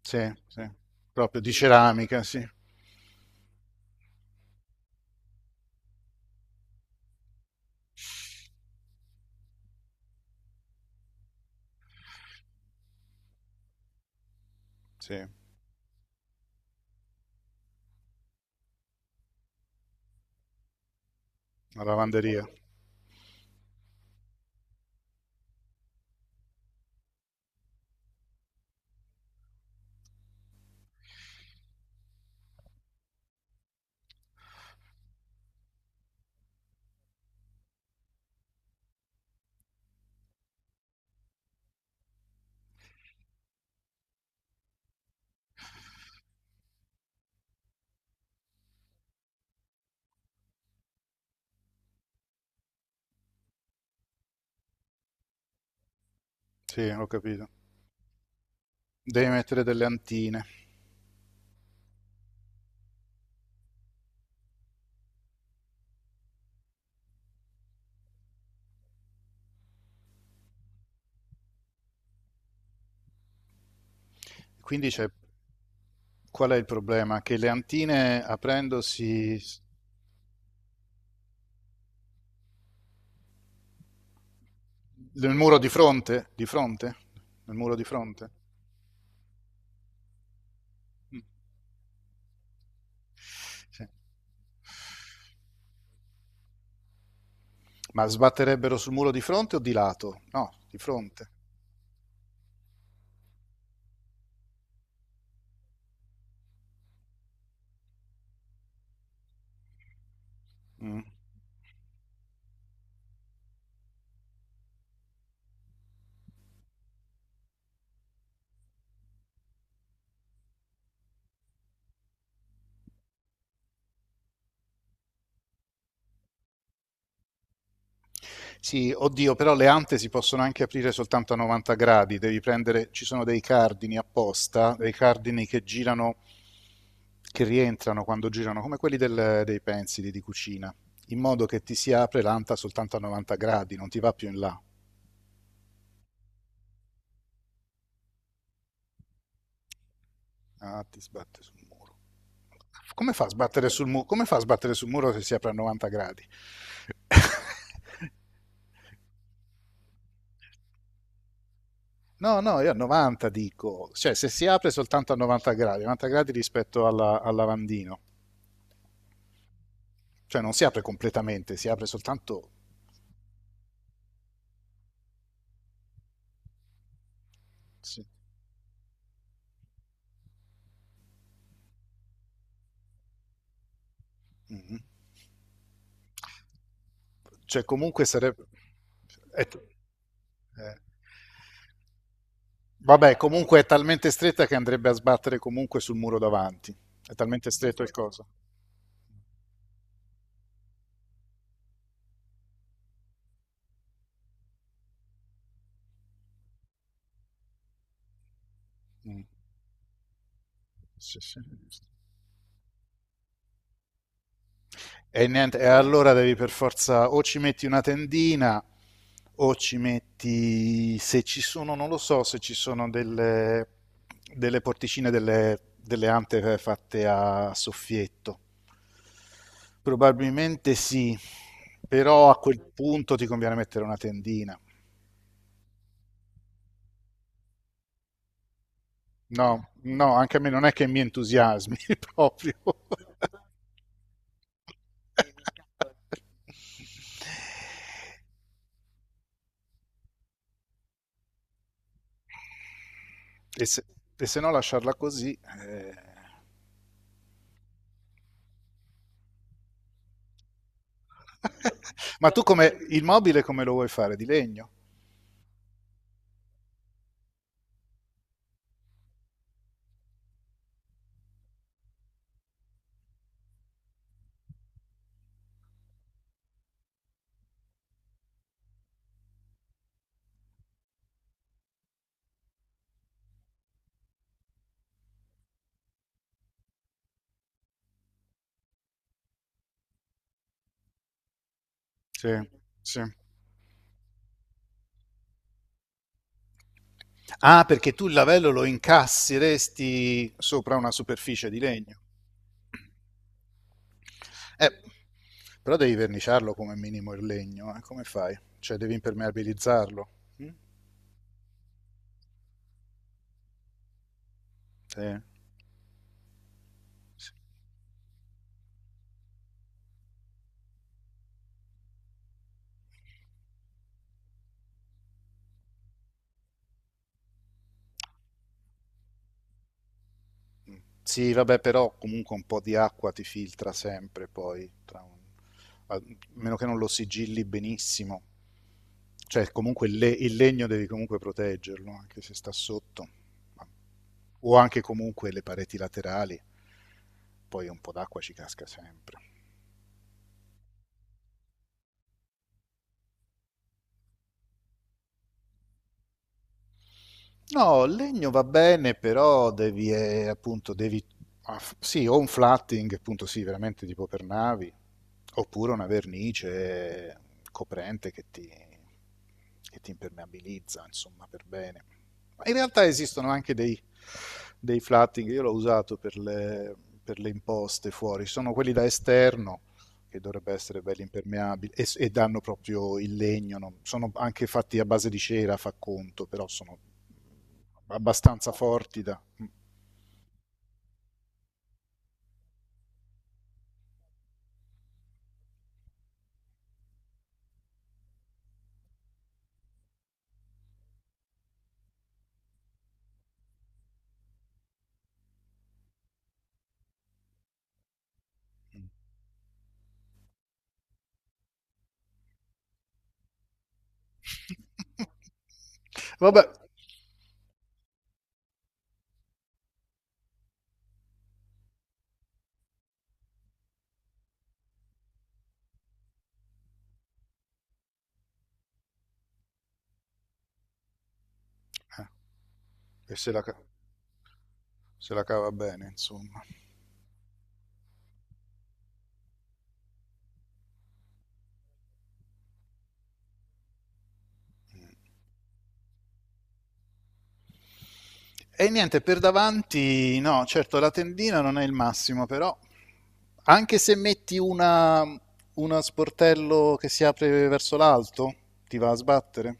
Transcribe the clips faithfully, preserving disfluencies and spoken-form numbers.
Sì, sì. Proprio di ceramica, sì, sì, una lavanderia, sì, ho capito. Devi mettere delle antine. Quindi c'è, qual è il problema? Che le antine aprendosi nel muro di fronte, di fronte, nel muro di fronte. Mm. Sì. Ma sbatterebbero sul muro di fronte o di lato? No, di fronte. Mm. Sì, oddio, però le ante si possono anche aprire soltanto a novanta gradi, devi prendere, ci sono dei cardini apposta, dei cardini che girano, che rientrano quando girano, come quelli del- dei pensili di cucina, in modo che ti si apre l'anta soltanto a novanta gradi, non ti va più in là. Ah, ti sbatte sul muro. Come fa a sbattere sul muro? Come fa a sbattere sul muro se si apre a novanta gradi? No, no, io a novanta dico, cioè se si apre soltanto a novanta gradi, novanta gradi rispetto alla- al lavandino. Cioè non si apre completamente, si apre soltanto... Sì. Mhm. Cioè comunque sarebbe... è t- eh. Vabbè, comunque è talmente stretta che andrebbe a sbattere comunque sul muro davanti. È talmente stretto il coso. Mm. Sì, sì. E niente, e allora devi per forza o ci metti una tendina o ci metti, se ci sono, non lo so, se ci sono delle, delle porticine, delle, delle ante fatte a soffietto. Probabilmente sì, però a quel punto ti conviene mettere una tendina. No, no, anche a me non è che mi entusiasmi proprio. E se, e se no lasciarla così. Eh. Ma tu come il mobile come lo vuoi fare? Di legno? Sì, sì. Ah, perché tu il lavello lo incassi, resti sopra una superficie di legno. Eh, però devi verniciarlo come minimo il legno, eh, come fai? Cioè devi impermeabilizzarlo. Mm? Sì. Sì. Sì, vabbè, però comunque un po' di acqua ti filtra sempre poi, tra un- a meno che non lo sigilli benissimo. Cioè comunque il, le- il legno devi comunque proteggerlo, anche se sta sotto. O anche comunque le pareti laterali, poi un po' d'acqua ci casca sempre. No, il legno va bene, però devi, eh, appunto, devi, ah, f- sì, o un flatting, appunto, sì, veramente tipo per navi, oppure una vernice coprente che ti, che ti impermeabilizza, insomma, per bene. Ma in realtà esistono anche dei, dei flatting, io l'ho usato per le, per le imposte fuori, sono quelli da esterno, che dovrebbe essere belli impermeabili, e, s- e danno proprio il legno, no? Sono anche fatti a base di cera, fa conto, però sono abbastanza forti da... Vabbè, eh, se, la, se la cava bene, insomma. E niente, per davanti, no, certo la tendina non è il massimo, però anche se metti una, uno sportello che si apre verso l'alto, ti va a sbattere.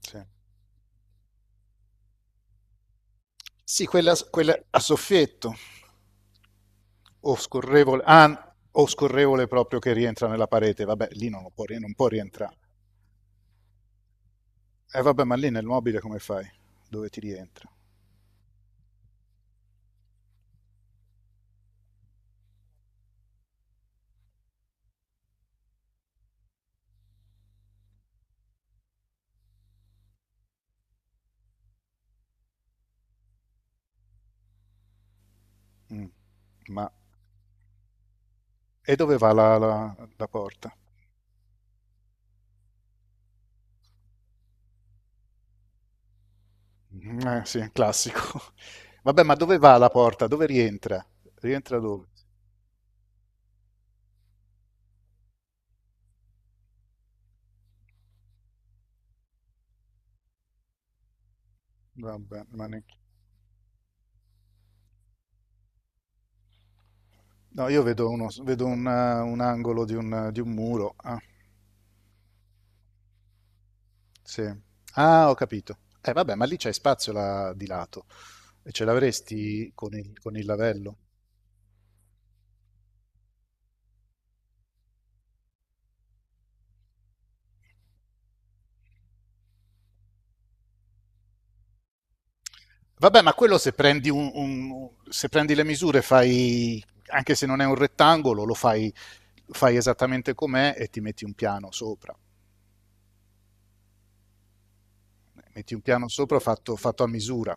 Sì, sì quella, quella a soffietto o scorrevole, ah, o scorrevole proprio che rientra nella parete, vabbè, lì non, lo può, non può rientrare. E eh, vabbè, ma lì nel mobile come fai? Dove ti rientra? Mm. Ma E dove va la, la- la porta? Mm. Eh, sì, classico. Vabbè, ma dove va la porta? Dove rientra? Rientra dove? Vabbè, ma ne- No, io vedo, uno, vedo un, eh, un angolo di un, di un muro. Ah, sì. Ah, ho capito. Eh, vabbè, ma lì c'è spazio là di lato. E ce l'avresti con il, con il lavello? Vabbè, ma quello se prendi, un- un- se prendi le misure, fai, anche se non è un rettangolo, lo fai, fai esattamente com'è e ti metti un piano sopra. Metti un piano sopra fatto, fatto a misura.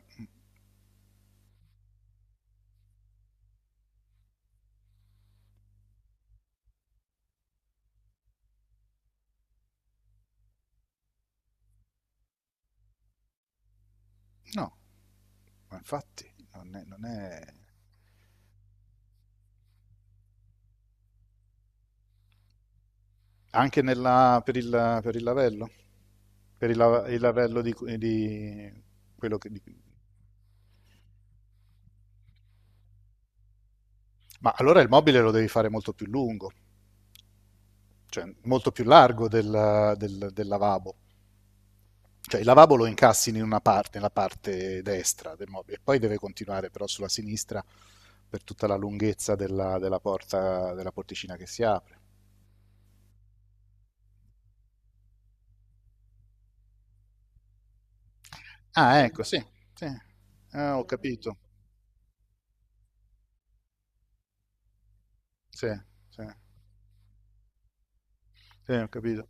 No, ma infatti non è... non è- Anche nella- per il, per il lavello? Per il, la- il lavello di, di quello che... di- Ma allora il mobile lo devi fare molto più lungo, cioè molto più largo del, del- del lavabo. Cioè il lavabo lo incassi in una parte, nella parte destra del mobile, e poi deve continuare però sulla sinistra per tutta la lunghezza della, della porta, della porticina che si apre. Ah, ecco, sì, sì. Ah, ho capito. Sì, sì, sì, ho capito.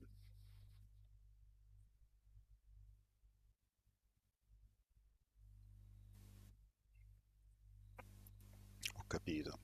Ho capito.